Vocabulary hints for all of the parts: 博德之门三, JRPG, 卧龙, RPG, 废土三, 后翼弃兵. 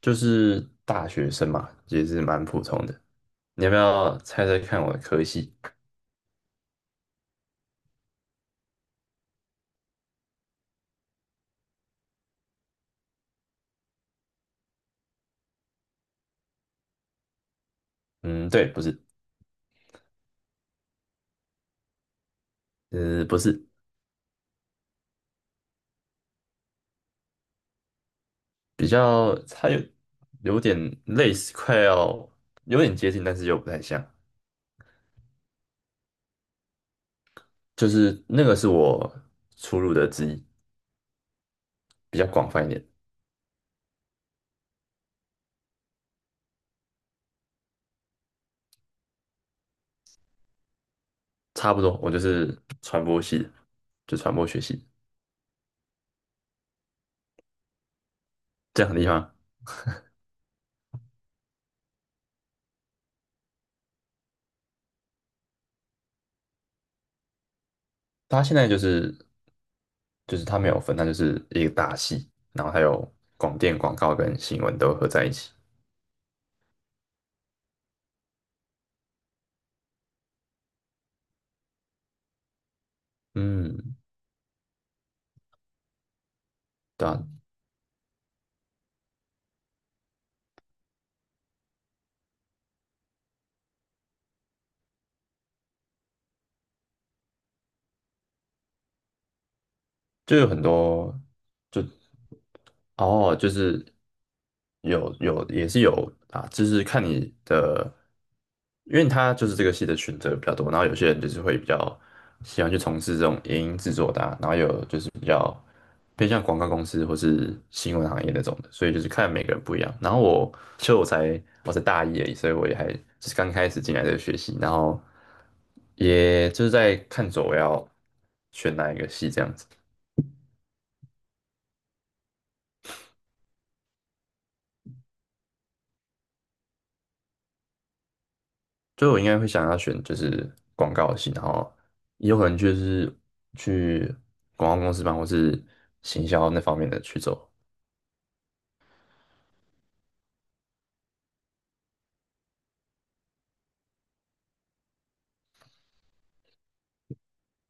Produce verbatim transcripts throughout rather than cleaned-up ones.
就是大学生嘛，也是蛮普通的。你要不要猜猜看我的科系？嗯，对，不是。呃，不是。比较它有有点类似，快要有点接近，但是又不太像。就是那个是我出入的之一，比较广泛一点。差不多，我就是传播系的，就传播学系。这样很厉害吗。它现在就是就是它没有分，它就是一个大系，然后还有广电、广告跟新闻都合在一起。嗯，对啊，就有很多，就哦，就是有有也是有啊，就是看你的，因为他就是这个系的选择比较多，然后有些人就是会比较喜欢去从事这种影音制作的啊，然后有就是比较偏向广告公司或是新闻行业那种的，所以就是看每个人不一样。然后我其实我才我才大一而已，所以我也还就是刚开始进来这个学习，然后也就是在看着我要选哪一个系这样子。所以我应该会想要选就是广告系，然后也有可能就是去广告公司办，或是行销那方面的去走。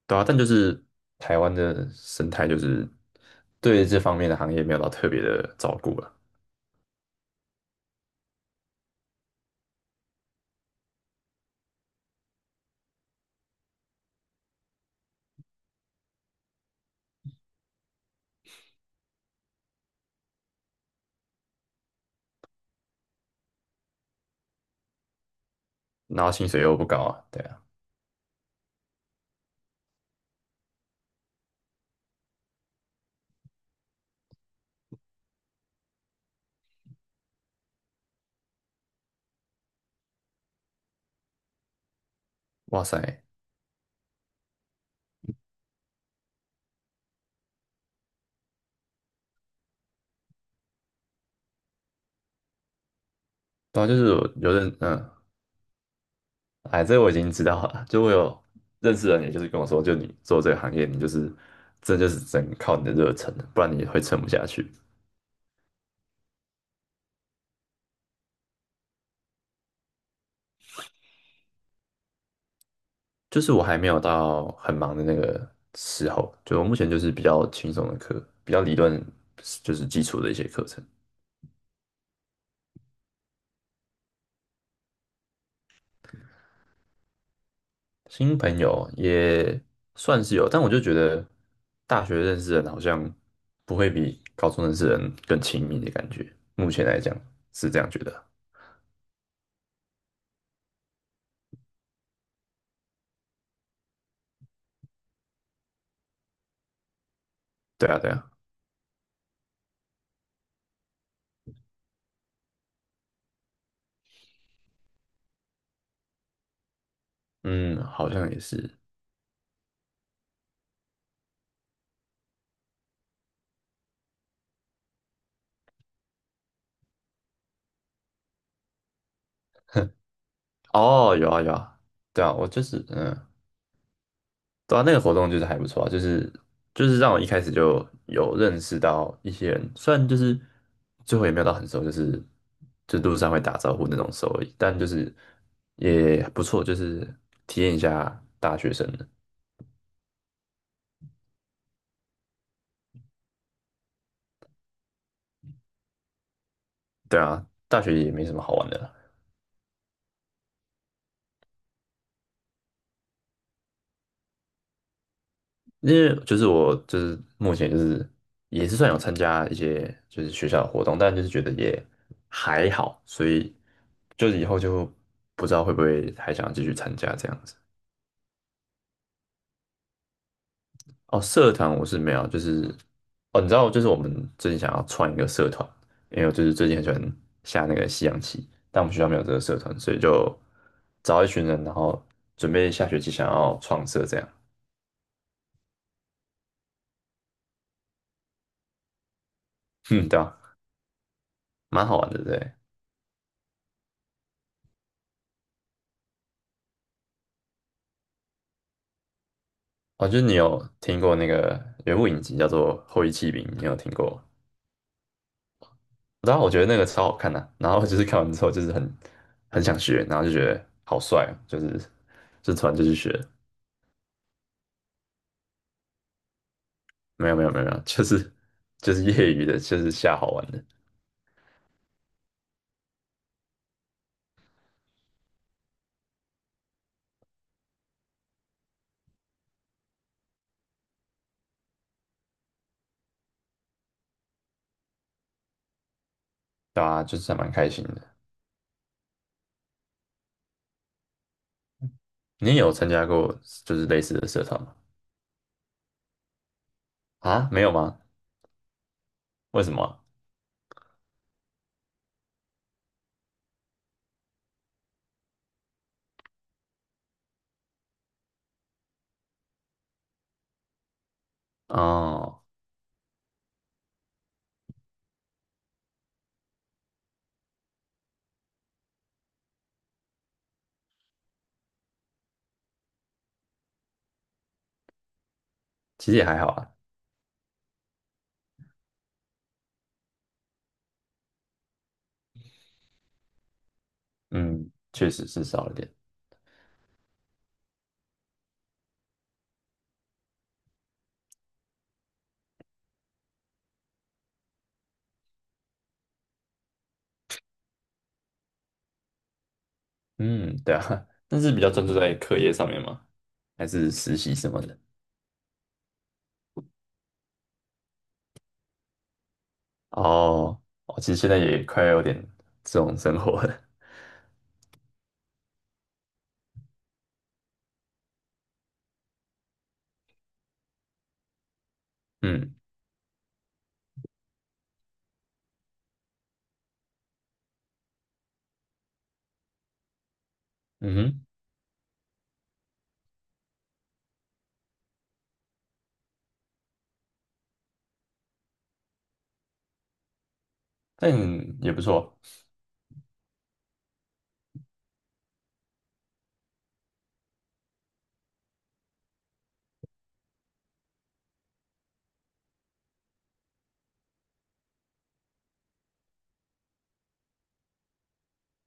对啊，但就是台湾的生态就是对这方面的行业没有到特别的照顾了。然后薪水又不高啊，对啊。哇塞，对啊，就是我有认，嗯，哎，这个我已经知道了，就我有认识的人，也就是跟我说，就你做这个行业，你就是这就是只能靠你的热忱，不然你会撑不下去。就是我还没有到很忙的那个时候，就我目前就是比较轻松的课，比较理论，就是基础的一些课程。新朋友也算是有，但我就觉得大学认识的人好像不会比高中认识的人更亲密的感觉。目前来讲是这样觉得。对啊，对啊，嗯，好像也是。哦，有啊，有啊。对啊，我就是嗯。对啊，那个活动就是还不错啊，就是就是让我一开始就有认识到一些人，虽然就是最后也没有到很熟，就是就路上会打招呼那种熟而已，但就是也不错，就是体验一下大学生的。对啊，大学也没什么好玩的啦。因为就是我就是目前就是也是算有参加一些就是学校的活动，但就是觉得也还好，所以就是以后就不知道会不会还想继续参加这样子。哦，社团我是没有，就是哦，你知道，就是我们最近想要创一个社团，因为我就是最近很喜欢下那个西洋棋，但我们学校没有这个社团，所以就找一群人，然后准备下学期想要创社这样。嗯，对啊，蛮好玩的，对。哦，就是你有听过那个有物部影集叫做《后翼弃兵》，你有听过吗？然后我觉得那个超好看的啊、然后就是看完之后就是很很想学，然后就觉得好帅哦，就是就突然就去学。没有没有没有没有，就是就是业余的，就是瞎好玩的。对啊，就是还蛮开心的。你也有参加过就是类似的社团吗？啊，没有吗？为什么啊哦，其实也还好啊。嗯，确实是少了点。嗯，对啊，但是比较专注在课业上面嘛，还是实习什么的？哦，我其实现在也快要有点这种生活了。嗯，嗯哼，但也不错。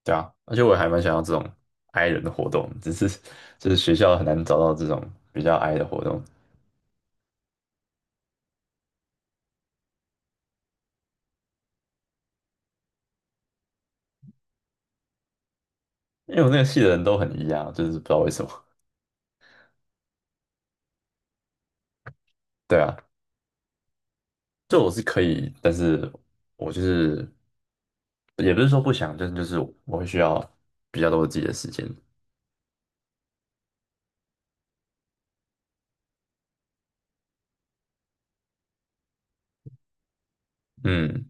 对啊，而且我还蛮想要这种 i 人的活动，只是就是学校很难找到这种比较 i 的活动，因为我那个系的人都很 e 啊，就是不知道为什么。对啊，就我是可以，但是我就是也不是说不想，就是就是我会需要比较多自己的时间。嗯，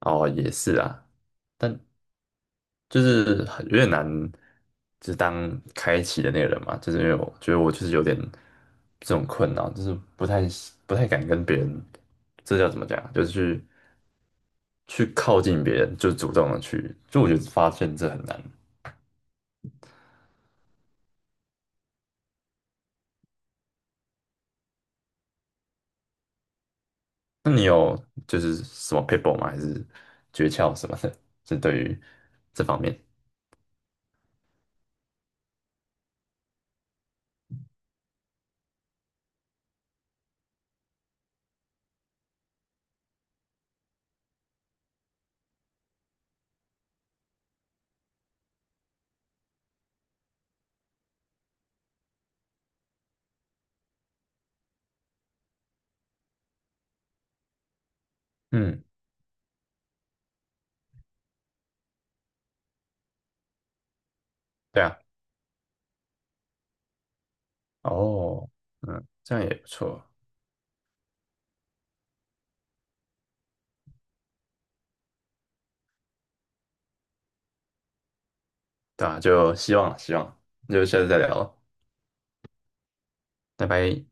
哦，也是啊，但就是很有点难，就是当开启的那个人嘛，就是因为我觉得我就是有点这种困扰，就是不太不太敢跟别人，这叫怎么讲啊？就是去去靠近别人，就主动的去，就我觉得发现这很难。那你有就是什么 people 吗？还是诀窍什么的？就对于这方面，嗯，对啊，哦，嗯，这样也不错。对啊，就希望希望，那就下次再聊，拜拜。